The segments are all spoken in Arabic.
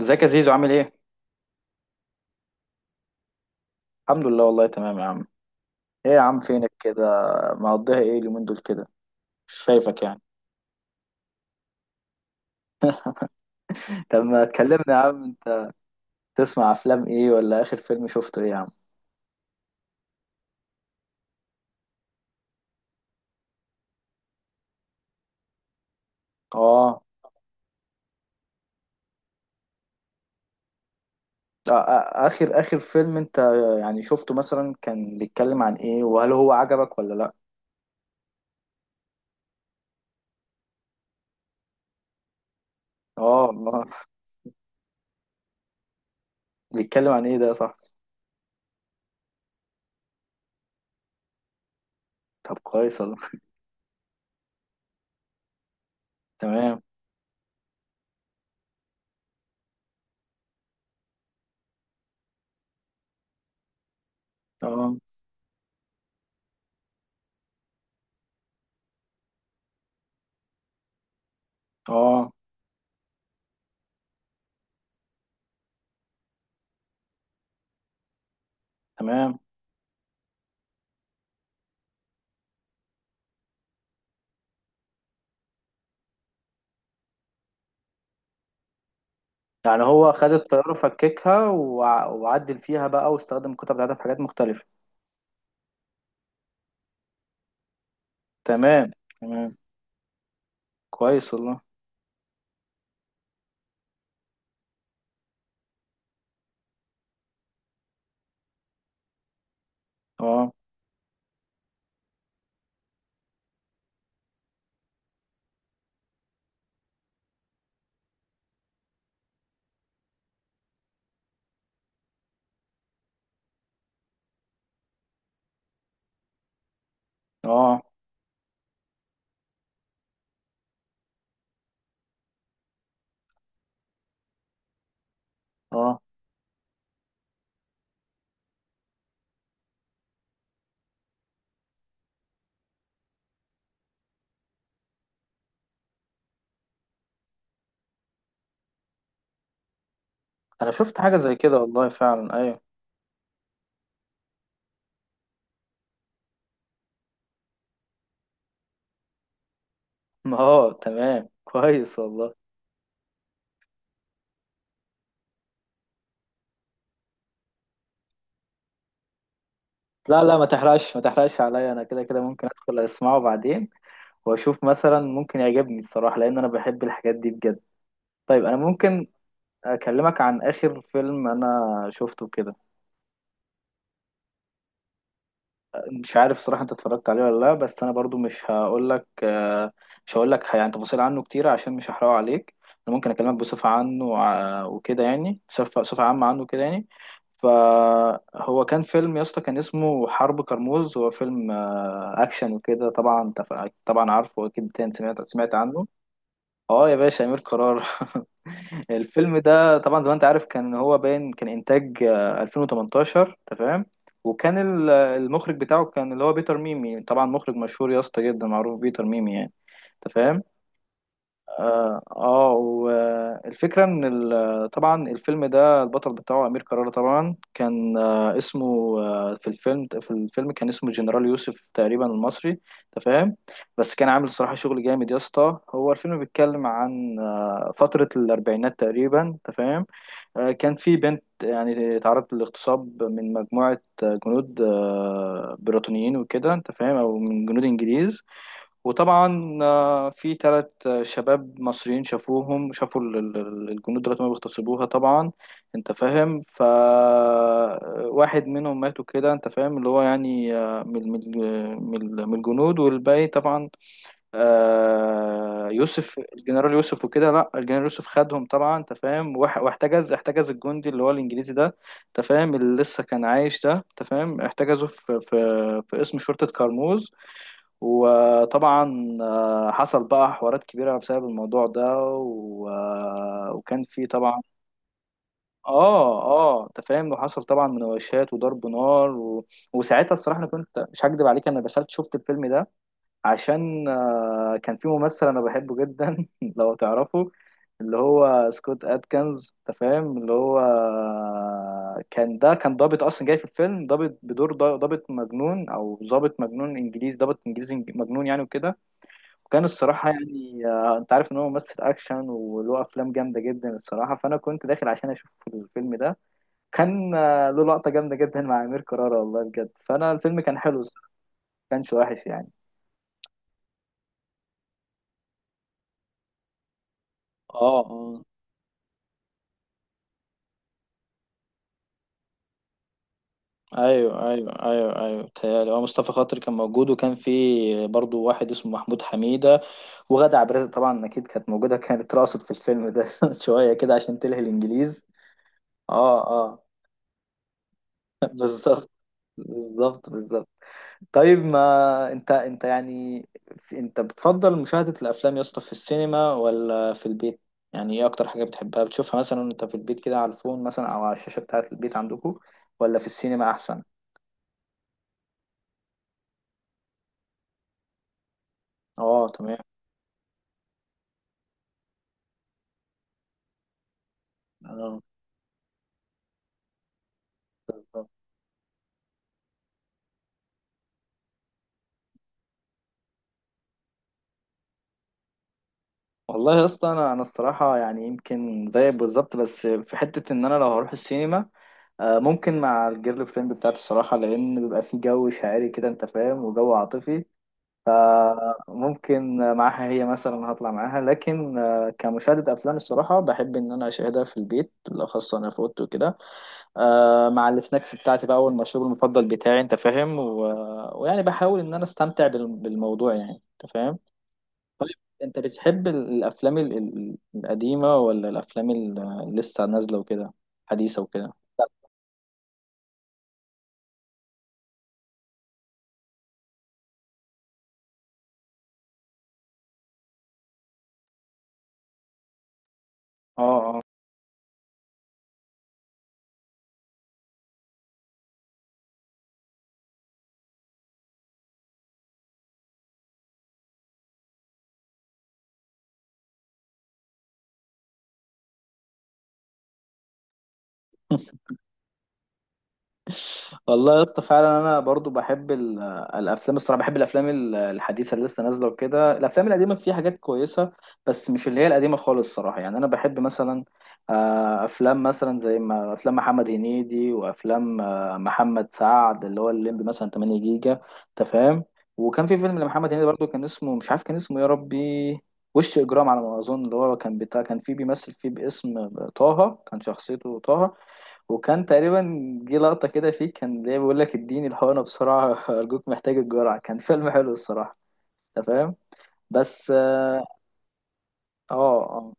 ازيك يا زيزو عامل ايه؟ الحمد لله والله تمام يا عم. ايه يا عم فينك كده، مقضيها ايه اليومين دول كده، مش شايفك يعني. طب ما تكلمنا يا عم انت. تسمع افلام ايه، ولا اخر فيلم شفته ايه يا عم؟ اه. اخر فيلم انت يعني شفته مثلا كان بيتكلم عن ايه، وهل هو عجبك ولا لا؟ اه والله، بيتكلم عن ايه ده صح؟ طب كويس والله. تمام. اه اه تمام. يعني هو خد الطيارة فككها وعدل فيها بقى واستخدم الكتب بتاعتها في حاجات مختلفة. تمام. تمام، كويس والله. اه اه اه، انا شفت حاجة زي كده والله فعلا، ايوه. اه تمام، كويس والله. لا لا، ما تحرقش ما تحرقش عليا، انا كده كده ممكن ادخل اسمعه بعدين واشوف مثلا ممكن يعجبني الصراحة، لان انا بحب الحاجات دي بجد. طيب انا ممكن اكلمك عن اخر فيلم انا شفته كده. مش عارف صراحة انت اتفرجت عليه ولا لا، بس انا برضو مش هقول لك، مش هقول لك يعني تفاصيل عنه كتير عشان مش هحرقه عليك. انا ممكن اكلمك بصفة عنه وكده، يعني بصفة عامة عنه كده يعني. فهو كان فيلم يا اسطى، كان اسمه حرب كرموز. هو فيلم اكشن وكده. طبعا انت طبعا عارفه، اكيد انت سمعت عنه. اه يا باشا امير قرار. الفيلم ده طبعا زي ما انت عارف، كان هو باين كان انتاج 2018. تمام. وكان المخرج بتاعه كان اللي هو بيتر ميمي، طبعا مخرج مشهور يا اسطى جدا، معروف بيتر ميمي يعني، انت فاهم. اه والفكرة ان طبعا الفيلم ده البطل بتاعه امير كرارة، طبعا كان اسمه، في الفيلم كان اسمه جنرال يوسف تقريبا المصري، انت فاهم. بس كان عامل صراحة شغل جامد يا اسطى. هو الفيلم بيتكلم عن فترة الاربعينات تقريبا، انت فاهم. كان في بنت يعني تعرضت للاغتصاب من مجموعة جنود بريطانيين وكده، انت فاهم، او من جنود انجليز. وطبعا في ثلاث شباب مصريين شافوهم، شافوا الجنود دلوقتي ما بيغتصبوها طبعا، انت فاهم. فواحد منهم ماتوا كده، انت فاهم، اللي هو يعني من الجنود، والباقي طبعا يوسف الجنرال يوسف وكده. لا الجنرال يوسف خدهم طبعا، انت فاهم، واح- واحتجز احتجز الجندي اللي هو الانجليزي ده، انت فاهم، اللي لسه كان عايش ده، انت فاهم، احتجزه في قسم شرطة كرموز. وطبعا حصل بقى حوارات كبيرة بسبب الموضوع ده و... آه، وكان في طبعا. اه اه انت فاهم، وحصل طبعا مناوشات وضرب نار وساعتها الصراحة، انا كنت مش هكدب عليك، انا دخلت شفت الفيلم ده عشان كان في ممثل انا بحبه جدا. لو تعرفه، اللي هو سكوت اتكنز، انت فاهم، اللي هو كان ده كان ضابط اصلا جاي في الفيلم، ضابط بدور ضابط مجنون او ضابط مجنون انجليزي، ضابط انجليزي مجنون يعني وكده. وكان الصراحة يعني انت عارف ان هو ممثل اكشن وله افلام جامدة جدا الصراحة، فانا كنت داخل عشان اشوف الفيلم ده. كان له لقطة جامدة جدا مع امير كرارة والله بجد، فانا الفيلم كان حلو الصراحة، ما كانش وحش يعني. اه اه ايوه ايوه ايوه ايوه، بتهيألي هو مصطفى خاطر كان موجود، وكان في برضو واحد اسمه محمود حميدة، وغادة عبد الرازق طبعا اكيد كانت موجودة، كانت رقصت في الفيلم ده. شوية كده عشان تلهي الانجليز. اه اه بالظبط، بالظبط بالظبط. طيب، ما انت انت يعني انت بتفضل مشاهدة الافلام يا اسطى في السينما ولا في البيت؟ يعني ايه اكتر حاجة بتحبها بتشوفها مثلا انت في البيت كده على الفون مثلا او على الشاشة بتاعة البيت عندكم؟ ولا في السينما احسن؟ اه تمام. اه بالظبط. والله يا اسطى، انا الصراحة يعني يمكن زيك بالظبط، بس في حتة، ان انا لو هروح السينما ممكن مع الجيرل فريند بتاعتي الصراحة، لأن بيبقى في جو شاعري كده، أنت فاهم، وجو عاطفي. ممكن معاها هي مثلا هطلع معاها، لكن كمشاهدة أفلام الصراحة بحب إن أنا أشاهدها في البيت، بالأخص أنا في أوضتي وكده. مع السناكس بتاعتي بقى والمشروب المفضل بتاعي، أنت فاهم، ويعني بحاول إن أنا أستمتع بالموضوع يعني، أنت فاهم. أنت بتحب الأفلام القديمة ولا الأفلام اللي لسه نازلة وكده، حديثة وكده؟ اه اه والله يا اسطى فعلا انا برضو بحب الافلام الصراحه، بحب الافلام الحديثه اللي لسه نازله وكده. الافلام القديمه فيها حاجات كويسه، بس مش اللي هي القديمه خالص الصراحه، يعني انا بحب مثلا افلام، مثلا زي ما افلام محمد هنيدي وافلام محمد سعد اللي هو الليمبي مثلا 8 جيجا، انت فاهم. وكان في فيلم لمحمد هنيدي برضو كان اسمه، مش عارف كان اسمه إيه يا ربي، وش اجرام على ما اظن، اللي هو كان بتاع كان فيه بيمثل فيه باسم طه، كان شخصيته طه. وكان تقريبا جه لقطة كده فيه كان ليه بيقول لك اديني الحقنة بسرعة، أرجوك محتاج الجرعة. كان فيلم حلو الصراحة، أنت فاهم. بس اه اه آه.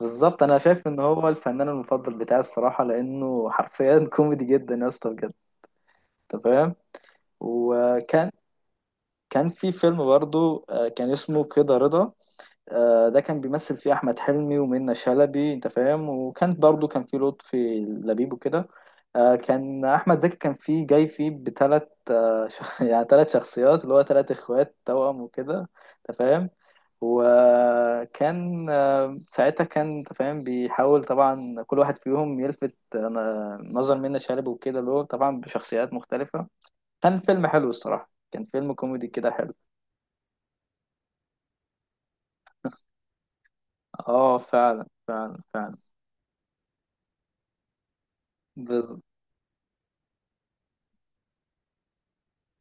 بالظبط، أنا شايف إن هو الفنان المفضل بتاعي الصراحة، لأنه حرفيا كوميدي جدا يا اسطى بجد، أنت فاهم. وكان في فيلم برضه كان اسمه كده رضا. ده كان بيمثل فيه احمد حلمي ومنة شلبي، انت فاهم، وكان برضو كان فيه لطفي لبيب وكده. كان احمد زكي كان فيه جاي فيه بثلاث يعني ثلاث شخصيات اللي هو ثلاث اخوات توأم وكده، انت فاهم. وكان ساعتها كان، انت فاهم، بيحاول طبعا كل واحد فيهم يلفت نظر منة شلبي وكده، اللي هو طبعا بشخصيات مختلفة. كان فيلم حلو الصراحة، كان فيلم كوميدي كده حلو. اه فعلا فعلا فعلا،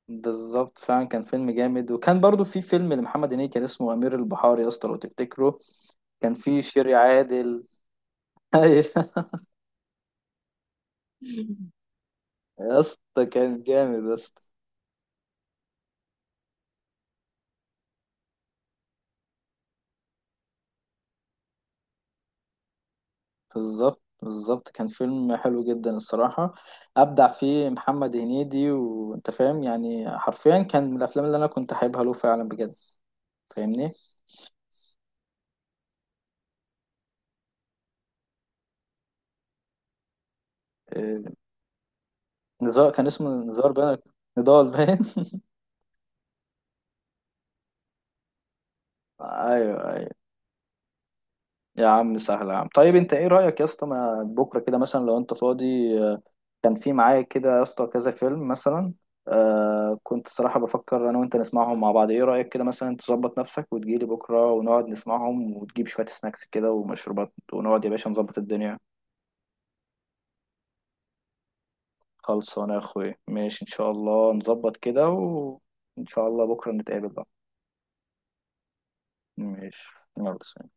بالظبط فعلا كان فيلم جامد. وكان برضو في فيلم لمحمد هنيدي كان اسمه أمير البحار، يا اسطى لو تفتكره، كان فيه شيري عادل. أيوة. يا اسطى كان جامد يا اسطى، بالظبط بالظبط، كان فيلم حلو جدا الصراحة، أبدع فيه محمد هنيدي، وأنت فاهم يعني حرفيا كان من الأفلام اللي أنا كنت حاببها له فعلا بجد، فاهمني؟ آه، نزار، كان اسمه نزار باين، نضال باين. أيوه. يا عم سهل يا عم، طيب انت ايه رأيك يا اسطى، ما بكره كده مثلا لو انت فاضي كان في معايا كده يا اسطى كذا فيلم مثلا. آه كنت صراحة بفكر انا وانت نسمعهم مع بعض، ايه رأيك كده مثلا، تظبط نفسك وتجيلي بكره ونقعد نسمعهم، وتجيب شوية سناكس كده ومشروبات، ونقعد يا باشا نظبط الدنيا. خلصانه يا اخويا، ماشي ان شاء الله نظبط كده، وان شاء الله بكره نتقابل بقى. ماشي، يلا سلام.